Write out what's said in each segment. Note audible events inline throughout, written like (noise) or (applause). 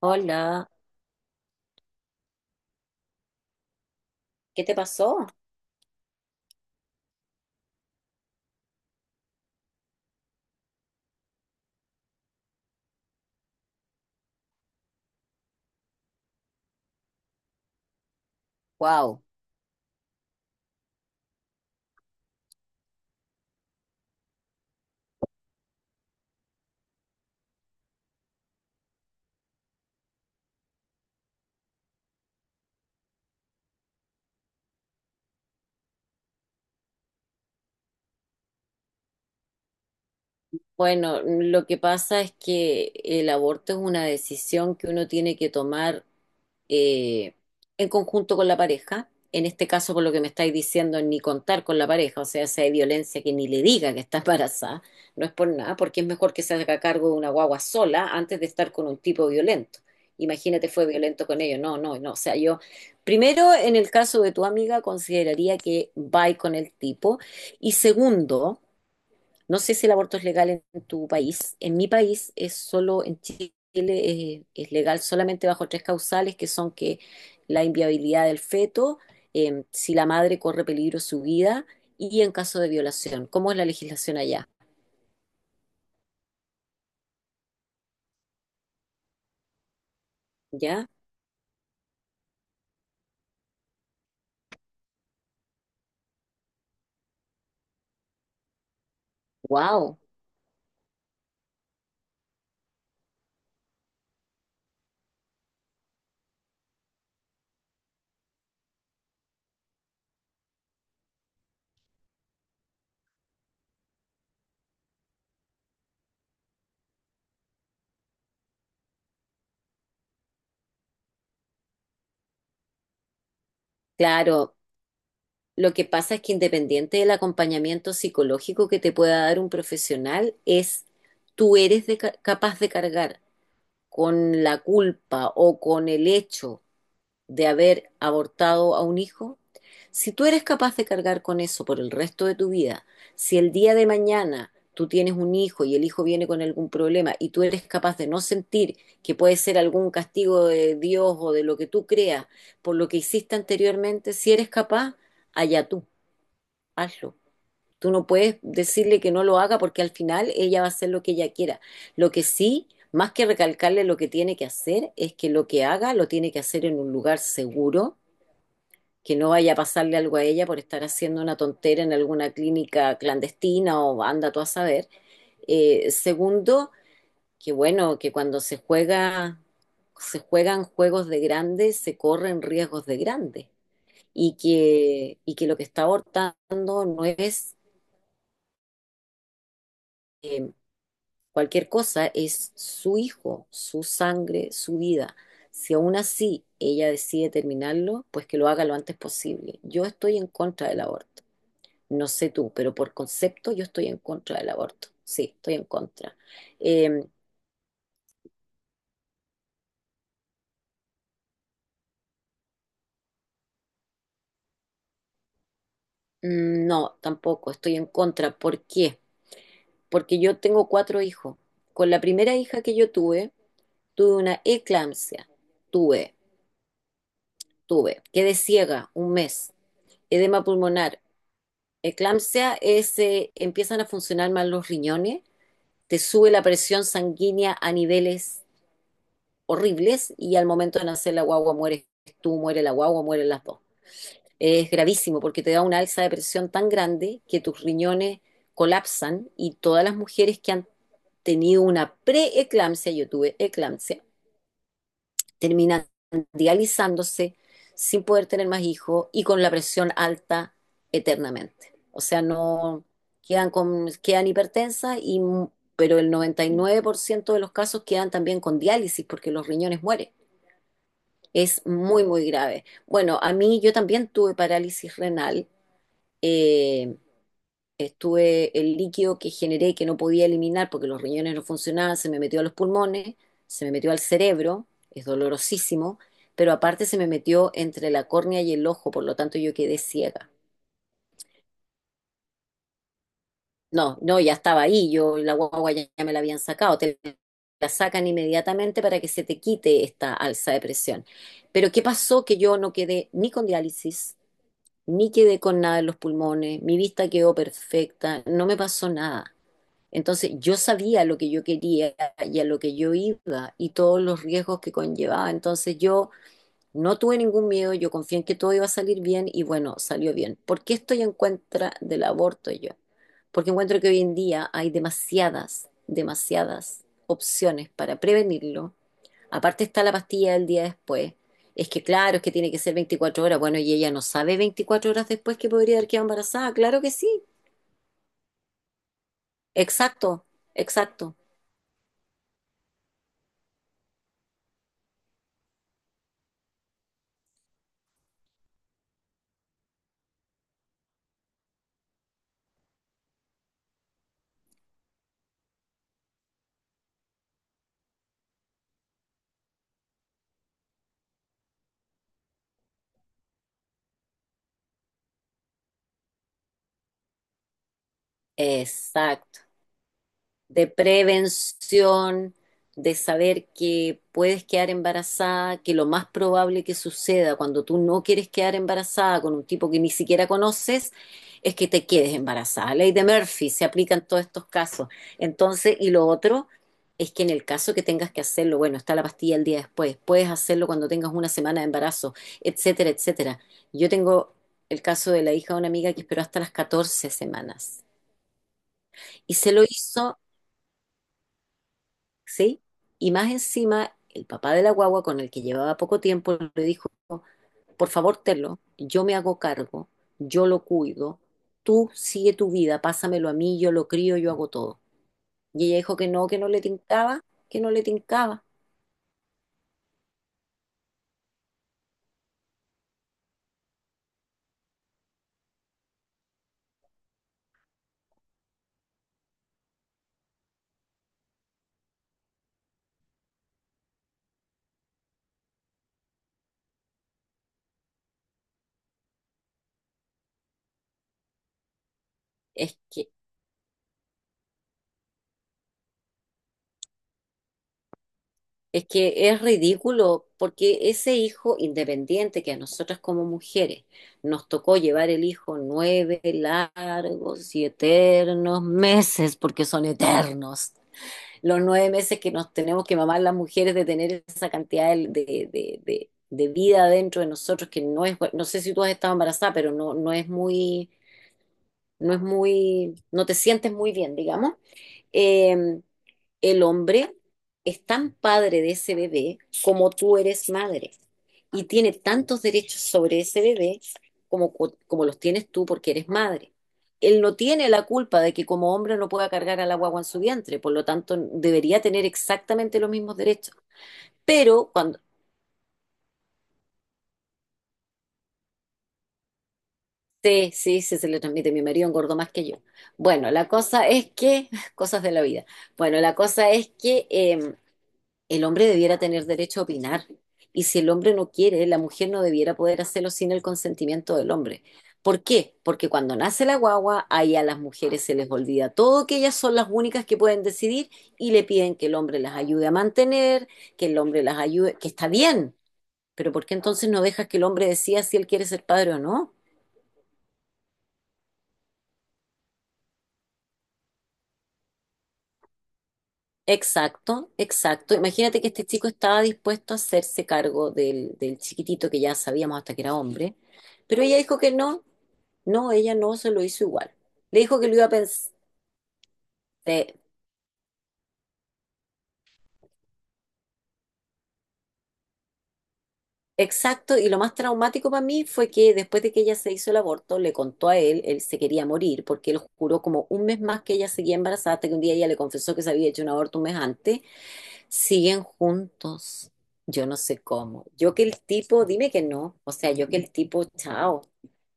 Hola, ¿qué te pasó? Wow. Bueno, lo que pasa es que el aborto es una decisión que uno tiene que tomar eh, en conjunto con la pareja. En este caso, por lo que me estáis diciendo, ni contar con la pareja, o sea, si hay violencia que ni le diga que está embarazada, no es por nada, porque es mejor que se haga cargo de una guagua sola antes de estar con un tipo violento. Imagínate, fue violento con ellos. No, no, no. O sea, yo, primero, en el caso de tu amiga, consideraría que va con el tipo. Y segundo, no sé si el aborto es legal en tu país. En mi país es solo, en Chile es, legal solamente bajo tres causales, que son que la inviabilidad del feto, si la madre corre peligro su vida y en caso de violación. ¿Cómo es la legislación allá? ¿Ya? Wow. Claro. Lo que pasa es que independiente del acompañamiento psicológico que te pueda dar un profesional, es tú eres capaz de cargar con la culpa o con el hecho de haber abortado a un hijo, si tú eres capaz de cargar con eso por el resto de tu vida, si el día de mañana tú tienes un hijo y el hijo viene con algún problema y tú eres capaz de no sentir que puede ser algún castigo de Dios o de lo que tú creas por lo que hiciste anteriormente, si eres capaz, allá tú, hazlo. Tú no puedes decirle que no lo haga porque al final ella va a hacer lo que ella quiera. Lo que sí, más que recalcarle lo que tiene que hacer, es que lo que haga lo tiene que hacer en un lugar seguro, que no vaya a pasarle algo a ella por estar haciendo una tontera en alguna clínica clandestina o anda tú a saber. Segundo, que bueno, que cuando se juega, se juegan juegos de grandes, se corren riesgos de grandes. Y que lo que está abortando no es eh, cualquier cosa, es su hijo, su sangre, su vida. Si aún así ella decide terminarlo, pues que lo haga lo antes posible. Yo estoy en contra del aborto. No sé tú, pero por concepto yo estoy en contra del aborto. Sí, estoy en contra. Eh, no, tampoco, estoy en contra. ¿Por qué? Porque yo tengo cuatro hijos. Con la primera hija que yo tuve, tuve una eclampsia. Tuve, tuve. Quedé ciega un mes. Edema pulmonar. Eclampsia es, empiezan a funcionar mal los riñones, te sube la presión sanguínea a niveles horribles y al momento de nacer la guagua mueres tú, muere la guagua, mueren las dos. Es gravísimo porque te da una alza de presión tan grande que tus riñones colapsan y todas las mujeres que han tenido una preeclampsia, yo tuve eclampsia, terminan dializándose sin poder tener más hijos y con la presión alta eternamente. O sea, no quedan hipertensas y pero el 99% de los casos quedan también con diálisis porque los riñones mueren. Es muy, muy grave. Bueno, a mí yo también tuve parálisis renal eh, estuve el líquido que generé que no podía eliminar porque los riñones no funcionaban, se me metió a los pulmones, se me metió al cerebro, es dolorosísimo, pero aparte se me metió entre la córnea y el ojo, por lo tanto yo quedé ciega. No, no, ya estaba ahí, yo la guagua ya me la habían sacado, te la sacan inmediatamente para que se te quite esta alza de presión. Pero ¿qué pasó? Que yo no quedé ni con diálisis, ni quedé con nada en los pulmones, mi vista quedó perfecta, no me pasó nada. Entonces yo sabía lo que yo quería y a lo que yo iba y todos los riesgos que conllevaba. Entonces yo no tuve ningún miedo, yo confié en que todo iba a salir bien y bueno, salió bien. ¿Por qué estoy en contra del aborto yo? Porque encuentro que hoy en día hay demasiadas, demasiadas opciones para prevenirlo. Aparte está la pastilla del día después. Es que claro, es que tiene que ser 24 horas. Bueno, y ella no sabe 24 horas después que podría haber quedado embarazada. Claro que sí. Exacto, exacto. Exacto. De prevención, de saber que puedes quedar embarazada, que lo más probable que suceda cuando tú no quieres quedar embarazada con un tipo que ni siquiera conoces es que te quedes embarazada. La ley de Murphy se aplica en todos estos casos. Entonces, y lo otro es que en el caso que tengas que hacerlo, bueno, está la pastilla el día después, puedes hacerlo cuando tengas una semana de embarazo, etcétera, etcétera. Yo tengo el caso de la hija de una amiga que esperó hasta las 14 semanas y se lo hizo. ¿Sí? Y más encima, el papá de la guagua, con el que llevaba poco tiempo, le dijo, por favor, Telo, yo me hago cargo, yo lo cuido, tú sigue tu vida, pásamelo a mí, yo lo crío, yo hago todo. Y ella dijo que no le tincaba, que no le tincaba. Es que, es que es ridículo, porque ese hijo independiente que a nosotras como mujeres nos tocó llevar el hijo 9 largos y eternos meses, porque son eternos los 9 meses que nos tenemos que mamar las mujeres de tener esa cantidad de vida dentro de nosotros que no es, no sé si tú has estado embarazada, pero no, no es muy, no te sientes muy bien, digamos. Eh, el hombre es tan padre de ese bebé como tú eres madre y tiene tantos derechos sobre ese bebé como los tienes tú porque eres madre. Él no tiene la culpa de que como hombre no pueda cargar a la guagua en su vientre, por lo tanto debería tener exactamente los mismos derechos. Pero cuando... Sí, sí, sí, se le transmite. Mi marido engordó más que yo. Bueno, la cosa es que... (laughs) Cosas de la vida. Bueno, la cosa es que el hombre debiera tener derecho a opinar. Y si el hombre no quiere, la mujer no debiera poder hacerlo sin el consentimiento del hombre. ¿Por qué? Porque cuando nace la guagua, ahí a las mujeres se les olvida todo, que ellas son las únicas que pueden decidir y le piden que el hombre las ayude a mantener, que el hombre las ayude, que está bien, pero ¿por qué entonces no dejas que el hombre decida si él quiere ser padre o no? Exacto, exacto. Imagínate que este chico estaba dispuesto a hacerse cargo del chiquitito que ya sabíamos hasta que era hombre, pero ella dijo que no. No, ella no se lo hizo igual. Le dijo que lo iba a pensar. Exacto, y lo más traumático para mí fue que después de que ella se hizo el aborto, le contó a él, él se quería morir, porque él juró como un mes más que ella seguía embarazada, hasta que un día ella le confesó que se había hecho un aborto un mes antes. Siguen juntos. Yo no sé cómo. Yo que el tipo, dime que no. O sea, yo que el tipo, chao,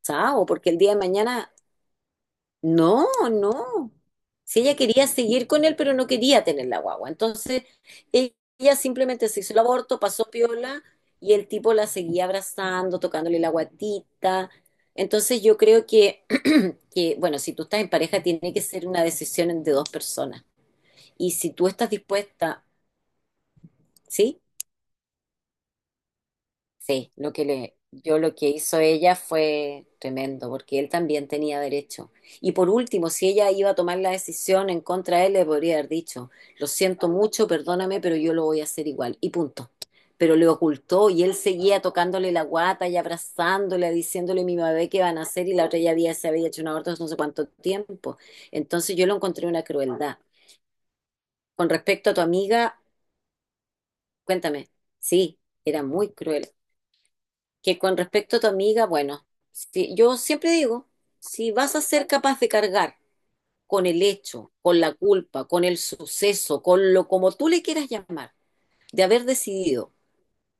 chao, porque el día de mañana. No, no. Si ella quería seguir con él, pero no quería tener la guagua. Entonces, ella simplemente se hizo el aborto, pasó piola y el tipo la seguía abrazando, tocándole la guatita. Entonces, yo creo que, (clears throat) que, bueno, si tú estás en pareja, tiene que ser una decisión de dos personas. Y si tú estás dispuesta, ¿sí? Sí, lo que le, yo lo que hizo ella fue tremendo, porque él también tenía derecho. Y por último, si ella iba a tomar la decisión en contra de él, le podría haber dicho, lo siento mucho, perdóname, pero yo lo voy a hacer igual. Y punto. Pero le ocultó y él seguía tocándole la guata y abrazándole, diciéndole mi bebé qué van a hacer y la otra se había hecho un aborto hace no sé cuánto tiempo. Entonces yo lo encontré una crueldad. Con respecto a tu amiga, cuéntame, sí, era muy cruel. Que con respecto a tu amiga, bueno, yo siempre digo, si vas a ser capaz de cargar con el hecho, con la culpa, con el suceso, con lo como tú le quieras llamar, de haber decidido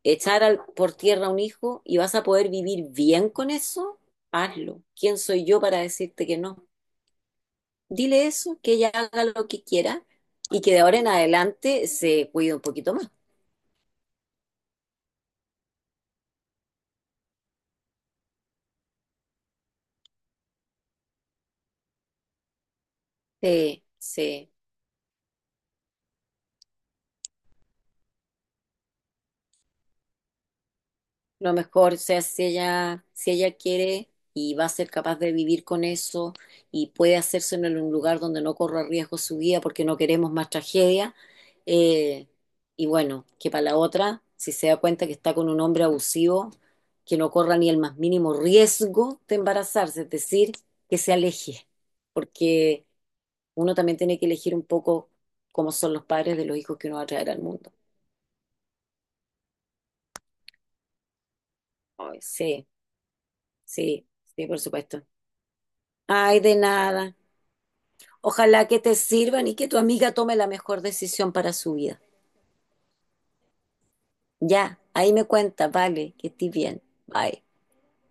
echar por tierra a un hijo y vas a poder vivir bien con eso, hazlo. ¿Quién soy yo para decirte que no? Dile eso, que ella haga lo que quiera y que de ahora en adelante se cuide un poquito más. Sí, sí. Lo mejor, o sea, si ella, quiere y va a ser capaz de vivir con eso y puede hacerse en un lugar donde no corra riesgo su vida porque no queremos más tragedia. eh, y bueno, que para la otra, si se da cuenta que está con un hombre abusivo, que no corra ni el más mínimo riesgo de embarazarse, es decir, que se aleje, porque uno también tiene que elegir un poco cómo son los padres de los hijos que uno va a traer al mundo. Ay, sí, sí, sí, por supuesto. Ay, de nada. Ojalá que te sirvan y que tu amiga tome la mejor decisión para su vida. Ya, ahí me cuenta, vale, que estés bien. Bye.